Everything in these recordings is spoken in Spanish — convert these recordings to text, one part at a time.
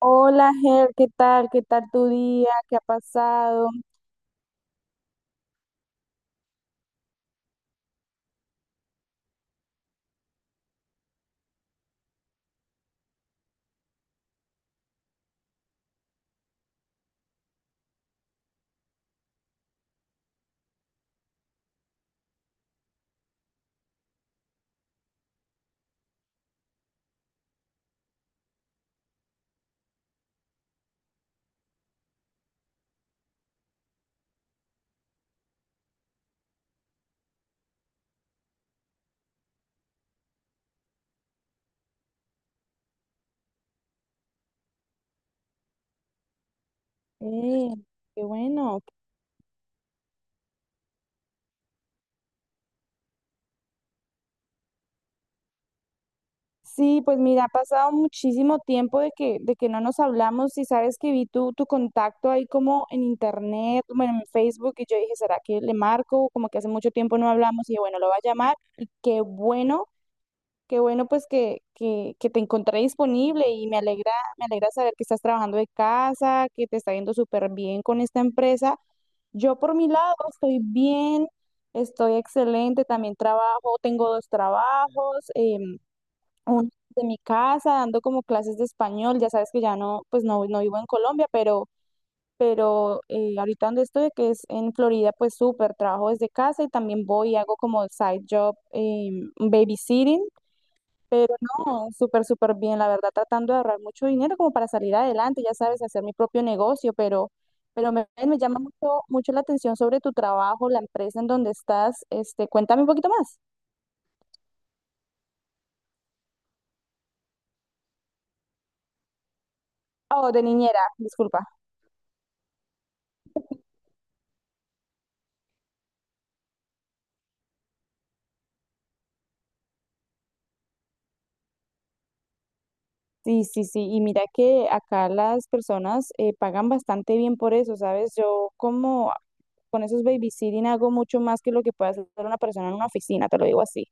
Hola, Ger, ¿qué tal? ¿Qué tal tu día? ¿Qué ha pasado? Eh, Qué bueno. Sí, pues mira, ha pasado muchísimo tiempo de que no nos hablamos y sabes que vi tu contacto ahí como en internet, bueno, en Facebook y yo dije, ¿será que le marco? Como que hace mucho tiempo no hablamos y dije, bueno, lo voy a llamar y qué bueno. Qué bueno pues que te encontré disponible y me alegra saber que estás trabajando de casa, que te está yendo súper bien con esta empresa. Yo por mi lado estoy bien, estoy excelente, también trabajo, tengo dos trabajos, uno de mi casa, dando como clases de español, ya sabes que ya no, pues no, no vivo en Colombia, pero, pero ahorita donde estoy, que es en Florida, pues súper, trabajo desde casa y también voy y hago como side job, em, babysitting, pero no, súper, súper bien, la verdad, tratando de ahorrar mucho dinero como para salir adelante, ya sabes, hacer mi propio negocio, pero me llama mucho, mucho la atención sobre tu trabajo, la empresa en donde estás. Este, cuéntame un poquito más. Oh, de niñera, disculpa. Sí, sí, sí, y mira que acá las personas pagan bastante bien por eso, ¿sabes? Yo como con esos babysitting hago mucho más que lo que puede hacer una persona en una oficina, te lo digo así.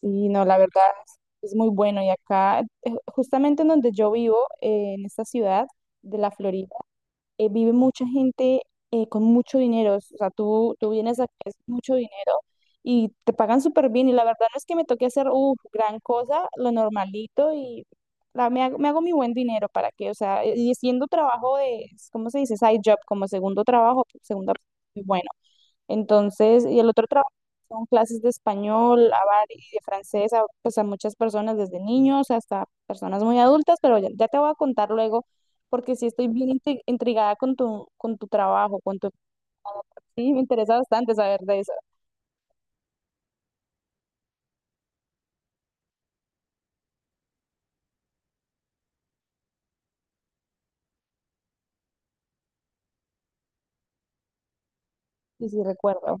Y no, la verdad es muy bueno. Y acá, justamente en donde yo vivo, en esta ciudad de la Florida, vive mucha gente con mucho dinero. O sea, tú vienes acá, es mucho dinero y te pagan súper bien. Y la verdad no es que me toque hacer uff gran cosa, lo normalito y me hago mi buen dinero para que, o sea, y siendo trabajo de, ¿cómo se dice? Side job, como segundo trabajo, segunda, pues bueno. Entonces, y el otro trabajo son clases de español, y de francés, a, pues a muchas personas desde niños hasta personas muy adultas, pero ya, ya te voy a contar luego porque sí estoy bien intrigada con tu trabajo, con tu... Sí, me interesa bastante saber de eso. Sí, sí, recuerdo.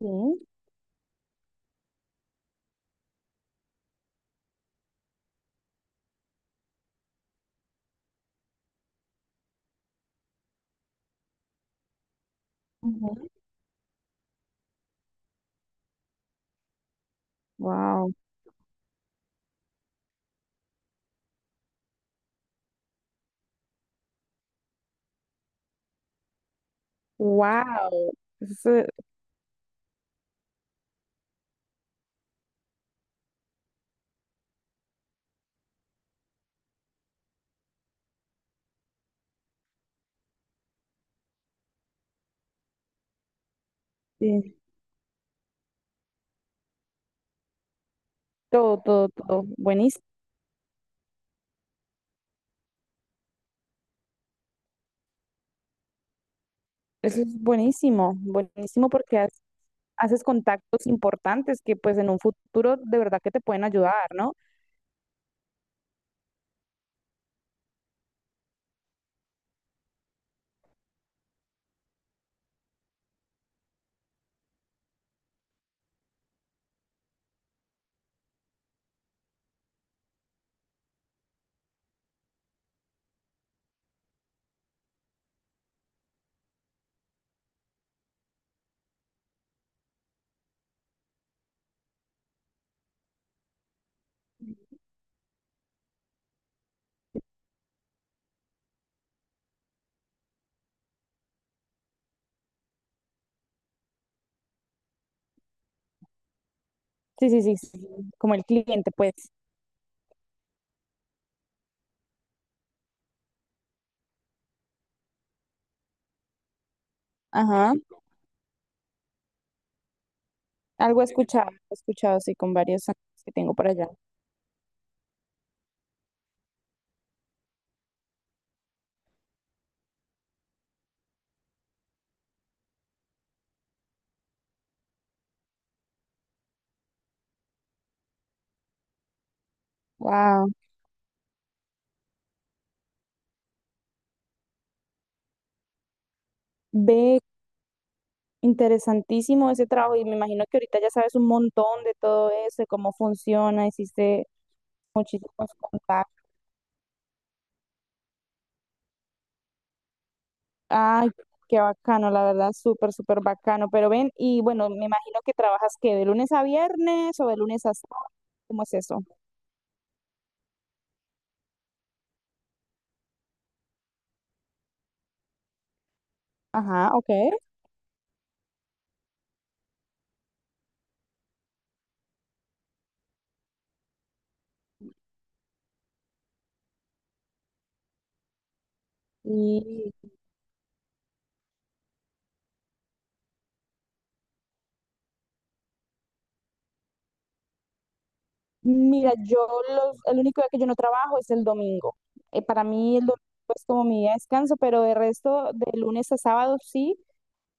Sí. Wow. Wow. Eso, sí, todo, todo, todo. Buenísimo. Eso es buenísimo. Buenísimo porque haces contactos importantes que pues en un futuro de verdad que te pueden ayudar, ¿no? Sí, sí, sí, sí. Como el cliente, pues. Ajá. Algo he escuchado sí con varios amigos que tengo por allá. Wow, ve, interesantísimo ese trabajo y me imagino que ahorita ya sabes un montón de todo eso, de cómo funciona, hiciste muchísimos contactos. Ay, qué bacano, la verdad, súper, súper bacano. Pero ven, y bueno, me imagino que trabajas que de lunes a viernes o de lunes a sábado, ¿cómo es eso? Ajá, ok. Y mira, yo los, el único día que yo no trabajo es el domingo. Para mí el domingo es como mi día de descanso, pero de resto, de lunes a sábado sí.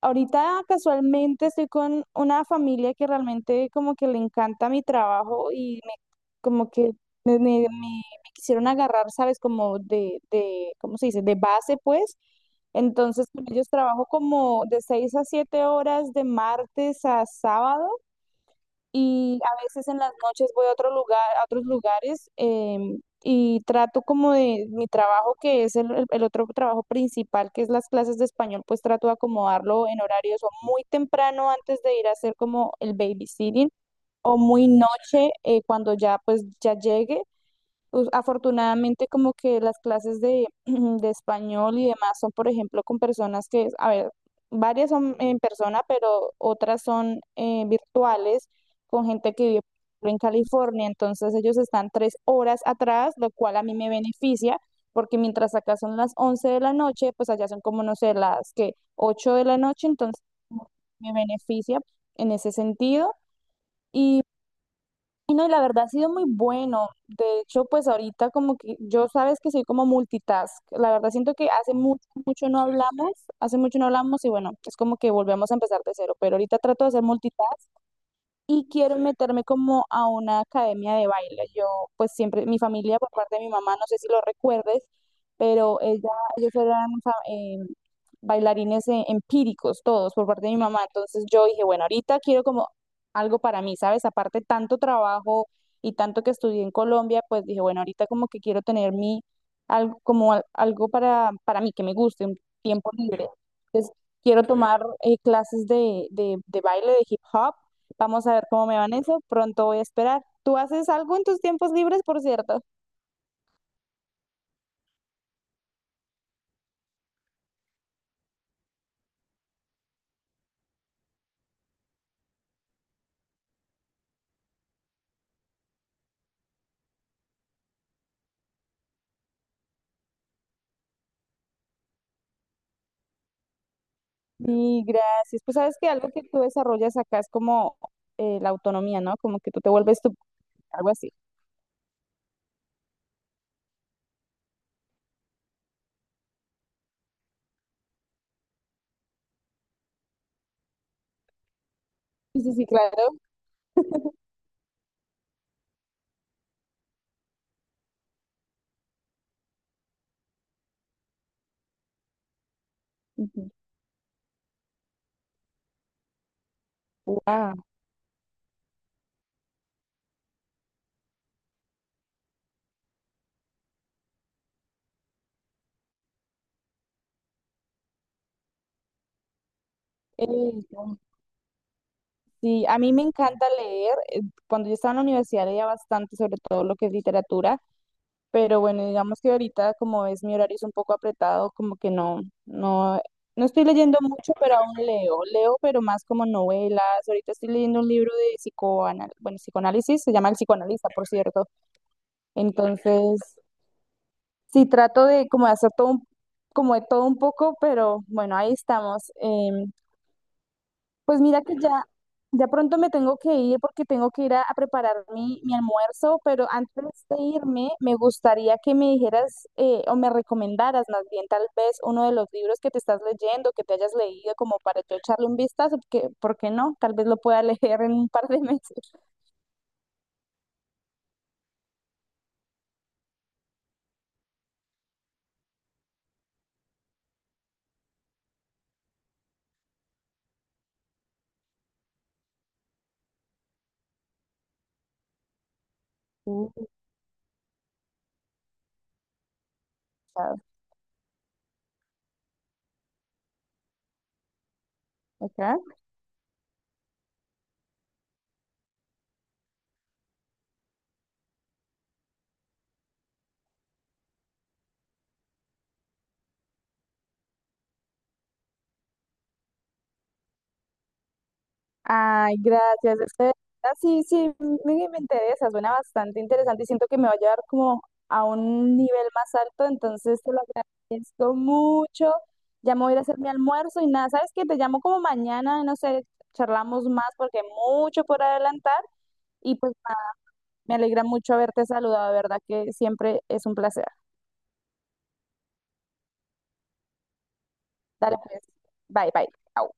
Ahorita casualmente estoy con una familia que realmente como que le encanta mi trabajo y me, como que me, me quisieron agarrar, ¿sabes? Como de, ¿cómo se dice? De base, pues. Entonces con ellos trabajo como de 6 a 7 horas de martes a sábado y a veces en las noches voy a otro lugar, a otros lugares, em, y trato como de mi trabajo, que es el, el otro trabajo principal, que es las clases de español, pues trato de acomodarlo en horarios o muy temprano antes de ir a hacer como el babysitting o muy noche cuando ya pues ya llegue afortunadamente, como que las clases de, de español y demás son, por ejemplo, con personas que, a ver, varias son en persona, pero otras son virtuales, con gente que vive en California. Entonces, ellos están 3 horas atrás, lo cual a mí me beneficia, porque mientras acá son las 11 de la noche, pues allá son como, no sé, las que 8 de la noche, entonces me beneficia en ese sentido. Y no, y la verdad ha sido muy bueno. De hecho, pues ahorita como que yo sabes que soy como multitask. La verdad siento que hace mucho, mucho no hablamos, hace mucho no hablamos y bueno, es como que volvemos a empezar de cero, pero ahorita trato de hacer multitask y quiero meterme como a una academia de baile. Yo, pues siempre, mi familia por parte de mi mamá, no sé si lo recuerdes, pero ella, ellos eran bailarines empíricos todos por parte de mi mamá. Entonces yo dije, bueno, ahorita quiero como algo para mí, ¿sabes? Aparte tanto trabajo y tanto que estudié en Colombia, pues dije, bueno, ahorita como que quiero tener mi, algo, como algo para mí, que me guste, un tiempo libre. Entonces quiero tomar clases de, de baile, de hip hop. Vamos a ver cómo me va en eso. Pronto voy a esperar. ¿Tú haces algo en tus tiempos libres, por cierto? Y gracias. Pues sabes que algo que tú desarrollas acá es como la autonomía, ¿no? Como que tú te vuelves tú, algo así. Sí, sí, sí, claro. Ujú. Guau. Eh, sí, a mí me encanta leer. Cuando yo estaba en la universidad leía bastante, sobre todo lo que es literatura. Pero bueno, digamos que ahorita como es mi horario es un poco apretado, como que no, no, no estoy leyendo mucho, pero aún leo. Leo, pero más como novelas. Ahorita estoy leyendo un libro de psicoanal, bueno, psicoanálisis, se llama El psicoanalista, por cierto. Entonces, sí trato de como de hacer como de todo un poco, pero bueno, ahí estamos. Pues mira que ya, ya pronto me tengo que ir porque tengo que ir a preparar mi, mi almuerzo, pero antes de irme me gustaría que me dijeras o me recomendaras más bien tal vez uno de los libros que te estás leyendo, que te hayas leído como para yo echarle un vistazo, porque, ¿por qué no? Tal vez lo pueda leer en un par de meses. Uh, chao. Ok. Ay, gracias. Es ah, sí, sí, me interesa, suena bastante interesante y siento que me va a llevar como a un nivel más alto, entonces te lo agradezco mucho. Ya me voy a ir a hacer mi almuerzo y nada, ¿sabes qué? Te llamo como mañana, no sé, charlamos más porque hay mucho por adelantar y pues nada, me alegra mucho haberte saludado, de verdad que siempre es un placer. Dale pues, bye, bye. Chao.